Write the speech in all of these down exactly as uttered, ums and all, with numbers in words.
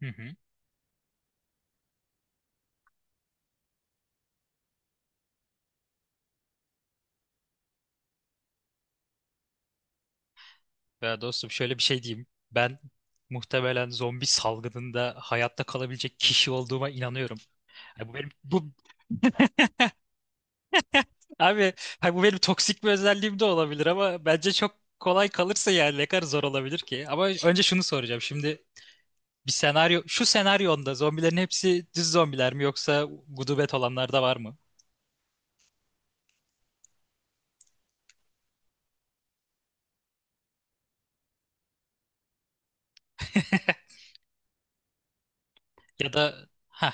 Hı hı. Ya dostum şöyle bir şey diyeyim. Ben muhtemelen zombi salgınında hayatta kalabilecek kişi olduğuma inanıyorum. Ya bu benim bu abi ha bu benim toksik bir özelliğim de olabilir ama bence çok kolay kalırsa, yani ne kadar zor olabilir ki? Ama önce şunu soracağım. Şimdi bir senaryo şu senaryonda zombilerin hepsi düz zombiler mi, yoksa gudubet olanlar da var mı? Ya da ha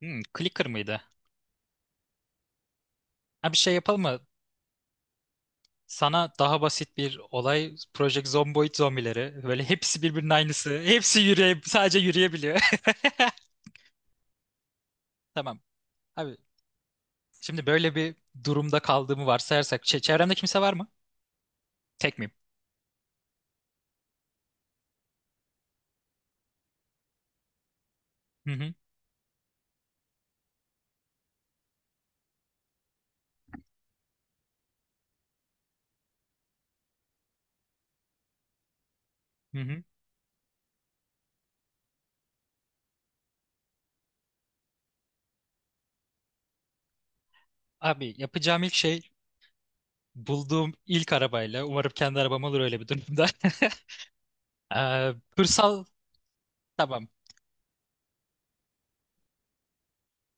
Hmm, clicker mıydı? Ha, bir şey yapalım mı? Sana daha basit bir olay: Project Zomboid zombileri. Böyle hepsi birbirinin aynısı. Hepsi yürüye, sadece yürüyebiliyor. Tamam. Abi şimdi böyle bir durumda kaldığımı varsayarsak, çe- çevremde kimse var mı? Tek miyim? Hı hı. Hı hı. Abi yapacağım ilk şey, bulduğum ilk arabayla, umarım kendi arabam olur öyle bir durumda. Ee, hırsal tamam.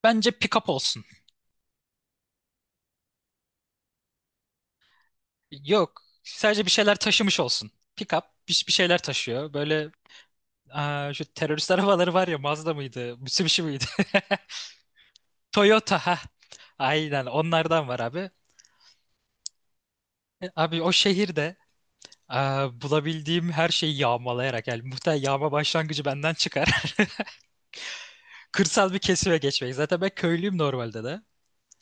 Bence pick-up olsun. Yok. Sadece bir şeyler taşımış olsun. Pick-up bir, bir şeyler taşıyor. Böyle, aa, şu terörist arabaları var ya, Mazda mıydı, Mitsubishi miydi? Toyota ha. Aynen onlardan var abi. E, Abi o şehirde, aa, bulabildiğim her şeyi yağmalayarak, yani muhtemelen yağma başlangıcı benden çıkar. Kırsal bir kesime geçmek. Zaten ben köylüyüm normalde de.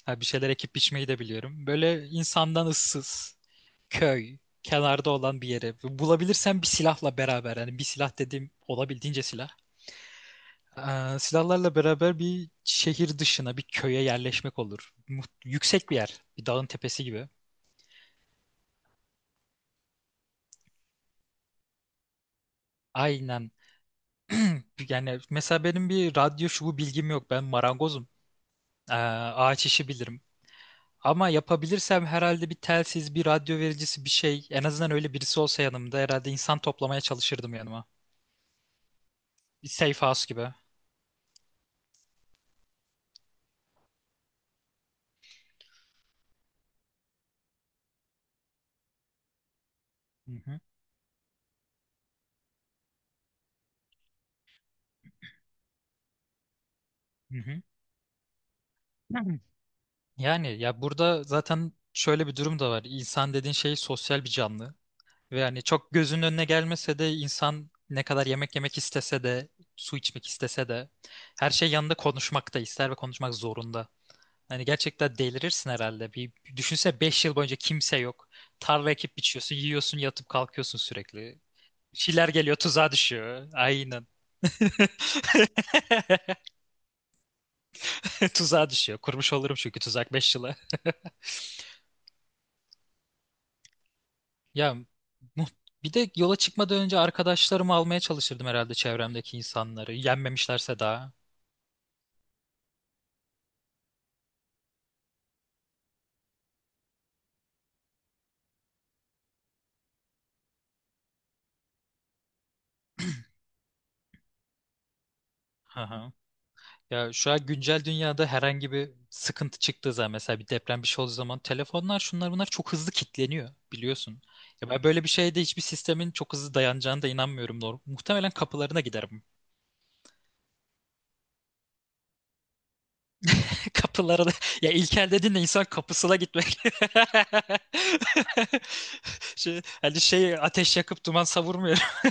Ha, bir şeyler ekip biçmeyi de biliyorum. Böyle insandan ıssız, köy, kenarda olan bir yere. Bulabilirsem bir silahla beraber. Yani bir silah dediğim olabildiğince silah. Ee, silahlarla beraber bir şehir dışına, bir köye yerleşmek olur. Mu- Yüksek bir yer, bir dağın tepesi gibi. Aynen. Yani mesela benim bir radyo şubu bilgim yok. Ben marangozum. Ee, ağaç işi bilirim. Ama yapabilirsem herhalde bir telsiz, bir radyo vericisi bir şey. En azından öyle birisi olsa yanımda, herhalde insan toplamaya çalışırdım yanıma. Bir safe house gibi. Hı hı. Hı hı. Yani ya burada zaten şöyle bir durum da var. İnsan dediğin şey sosyal bir canlı. Ve yani çok gözünün önüne gelmese de, insan ne kadar yemek yemek istese de, su içmek istese de, her şey yanında konuşmak da ister ve konuşmak zorunda. Hani gerçekten delirirsin herhalde. Bir düşünse beş yıl boyunca kimse yok. Tarla ekip biçiyorsun, yiyorsun, yatıp kalkıyorsun sürekli. Bir şeyler geliyor, tuzağa düşüyor. Aynen. Tuzağa düşüyor. Kurmuş olurum çünkü tuzak beş yıla. Ya mu- bir de yola çıkmadan önce arkadaşlarımı almaya çalışırdım herhalde, çevremdeki insanları. Yenmemişlerse daha. Hı hı. Ya şu an güncel dünyada herhangi bir sıkıntı çıktığı zaman, mesela bir deprem bir şey olduğu zaman, telefonlar şunlar bunlar çok hızlı kilitleniyor biliyorsun. Ya ben böyle bir şeyde hiçbir sistemin çok hızlı dayanacağına da inanmıyorum. Nor- Muhtemelen kapılarına giderim. Kapılarına, ya İlker dediğin de insan kapısına gitmek. Şey, hani şey ateş yakıp duman savurmuyor.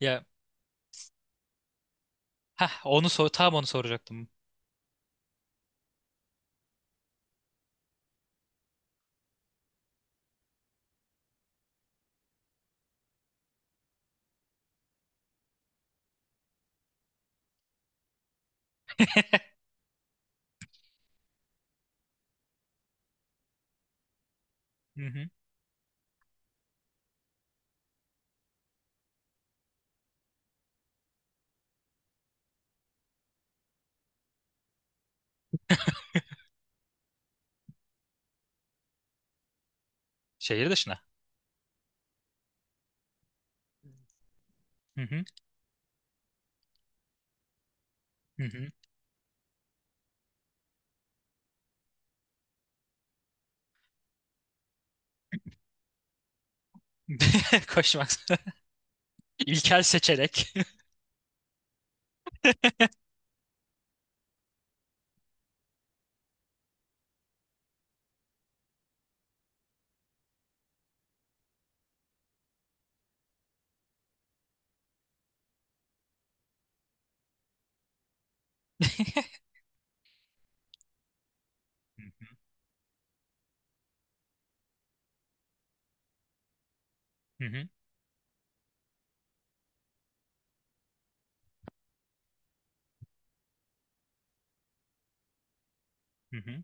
Ya heh, onu sor, tam onu soracaktım. Hı hı. Şehir dışına. Hı hı. Hı hı. Koşmak. İlkel seçerek. Hı hı. Hı hı.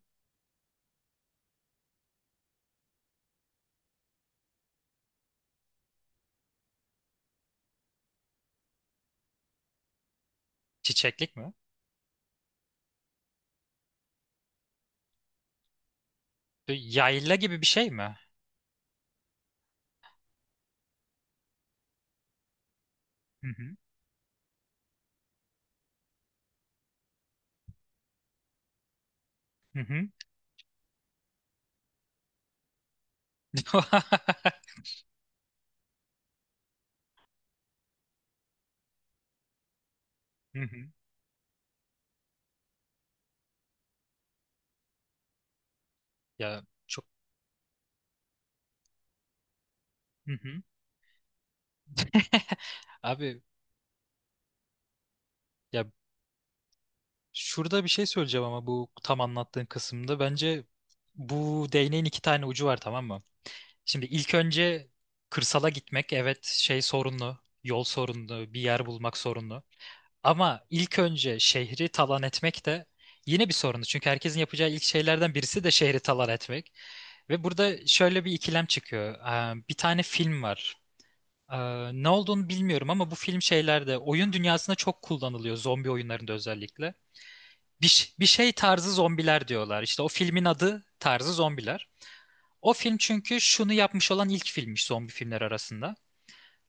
Çiçeklik mi? Bir yayla gibi bir şey mi? Hı hı. Hı hı. Hı hı. Ya çok. Hı hı. Abi ya, şurada bir şey söyleyeceğim ama, bu tam anlattığın kısımda bence bu değneğin iki tane ucu var, tamam mı? Şimdi ilk önce kırsala gitmek, evet, şey, sorunlu. Yol sorunlu, bir yer bulmak sorunlu. Ama ilk önce şehri talan etmek de yine bir sorunu. Çünkü herkesin yapacağı ilk şeylerden birisi de şehri talan etmek. Ve burada şöyle bir ikilem çıkıyor. Ee, Bir tane film var. Ee, Ne olduğunu bilmiyorum ama bu film şeylerde, oyun dünyasında çok kullanılıyor. Zombi oyunlarında özellikle. Bir, ş- bir şey tarzı zombiler diyorlar. İşte o filmin adı tarzı zombiler. O film çünkü şunu yapmış, olan ilk filmmiş zombi filmler arasında: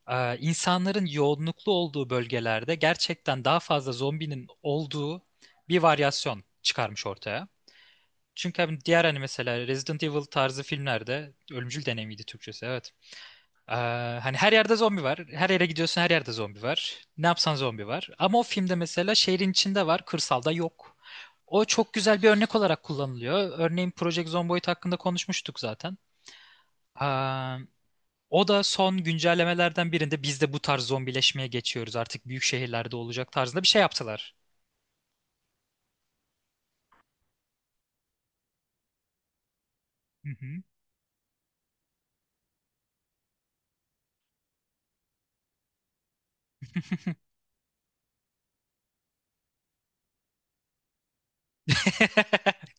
e, insanların yoğunluklu olduğu bölgelerde gerçekten daha fazla zombinin olduğu bir varyasyon çıkarmış ortaya. Çünkü hani diğer hani mesela Resident Evil tarzı filmlerde, ölümcül deneyimiydi Türkçesi evet. E, Hani her yerde zombi var. Her yere gidiyorsun her yerde zombi var. Ne yapsan zombi var. Ama o filmde mesela şehrin içinde var, kırsalda yok. O çok güzel bir örnek olarak kullanılıyor. Örneğin Project Zomboid hakkında konuşmuştuk zaten. O da son güncellemelerden birinde, biz de bu tarz zombileşmeye geçiyoruz artık, büyük şehirlerde olacak tarzında bir şey yaptılar. Hı hı.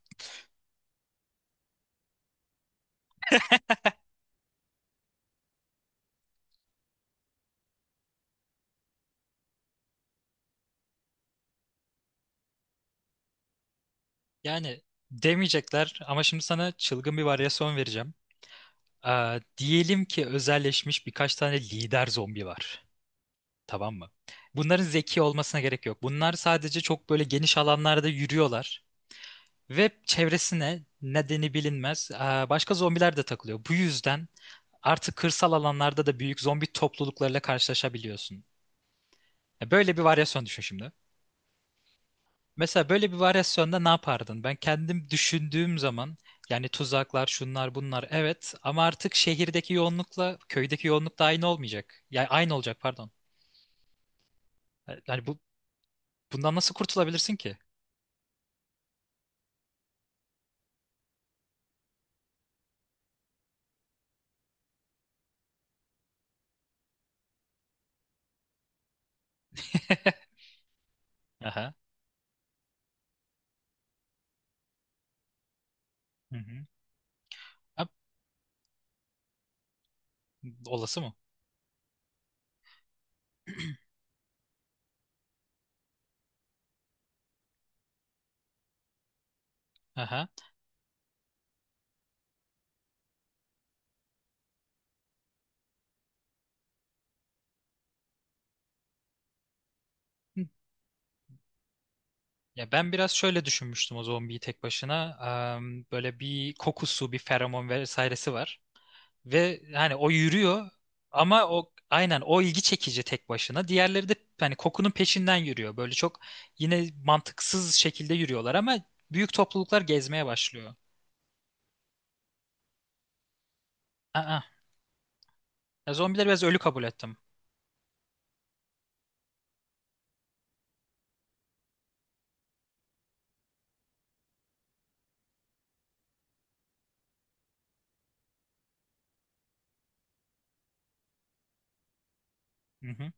Yani demeyecekler, ama şimdi sana çılgın bir varyasyon vereceğim. Ee, diyelim ki özelleşmiş birkaç tane lider zombi var. Tamam mı? Bunların zeki olmasına gerek yok. Bunlar sadece çok böyle geniş alanlarda yürüyorlar ve çevresine nedeni bilinmez ee, başka zombiler de takılıyor. Bu yüzden artık kırsal alanlarda da büyük zombi topluluklarıyla karşılaşabiliyorsun. Ya böyle bir varyasyon düşün şimdi. Mesela böyle bir varyasyonda ne yapardın? Ben kendim düşündüğüm zaman, yani tuzaklar, şunlar, bunlar evet, ama artık şehirdeki yoğunlukla köydeki yoğunluk da aynı olmayacak. Yani aynı olacak, pardon. E, Yani bu, bundan nasıl kurtulabilirsin ki? Aha. Hı hı. Ha, olası mı? Aha. Hı. Ya ben biraz şöyle düşünmüştüm o zombiyi, tek başına. Am, böyle bir kokusu, bir feromon vesairesi var. Ve hani o yürüyor ama o, aynen, o ilgi çekici tek başına. Diğerleri de hani kokunun peşinden yürüyor. Böyle çok yine mantıksız şekilde yürüyorlar ama büyük topluluklar gezmeye başlıyor. Aa, ya zombileri biraz ölü kabul ettim. Hı hı.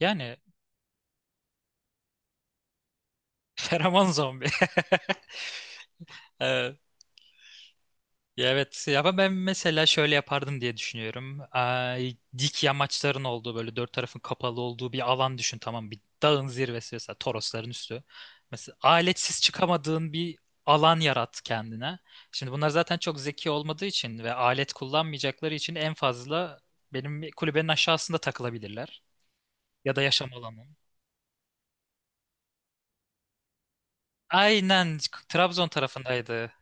Yani feromon zombi. Evet. Ya evet, ama ben mesela şöyle yapardım diye düşünüyorum. Ay, dik yamaçların olduğu, böyle dört tarafın kapalı olduğu bir alan düşün, tamam, bir dağın zirvesi, mesela Torosların üstü. Mesela aletsiz çıkamadığın bir alan yarat kendine. Şimdi bunlar zaten çok zeki olmadığı için ve alet kullanmayacakları için en fazla benim kulübenin aşağısında takılabilirler. Ya da yaşam alanım. Aynen, Trabzon tarafındaydı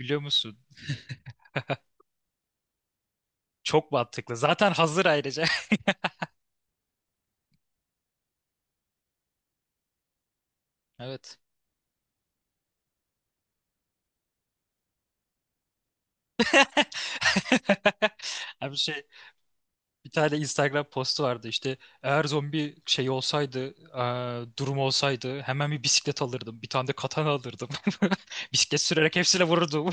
biliyor musun? Çok mantıklı. Zaten hazır ayrıca. Evet. Abi şey, bir tane Instagram postu vardı işte, eğer zombi şey olsaydı, e, durum olsaydı hemen bir bisiklet alırdım, bir tane de katana alırdım, bisiklet sürerek hepsine vururdum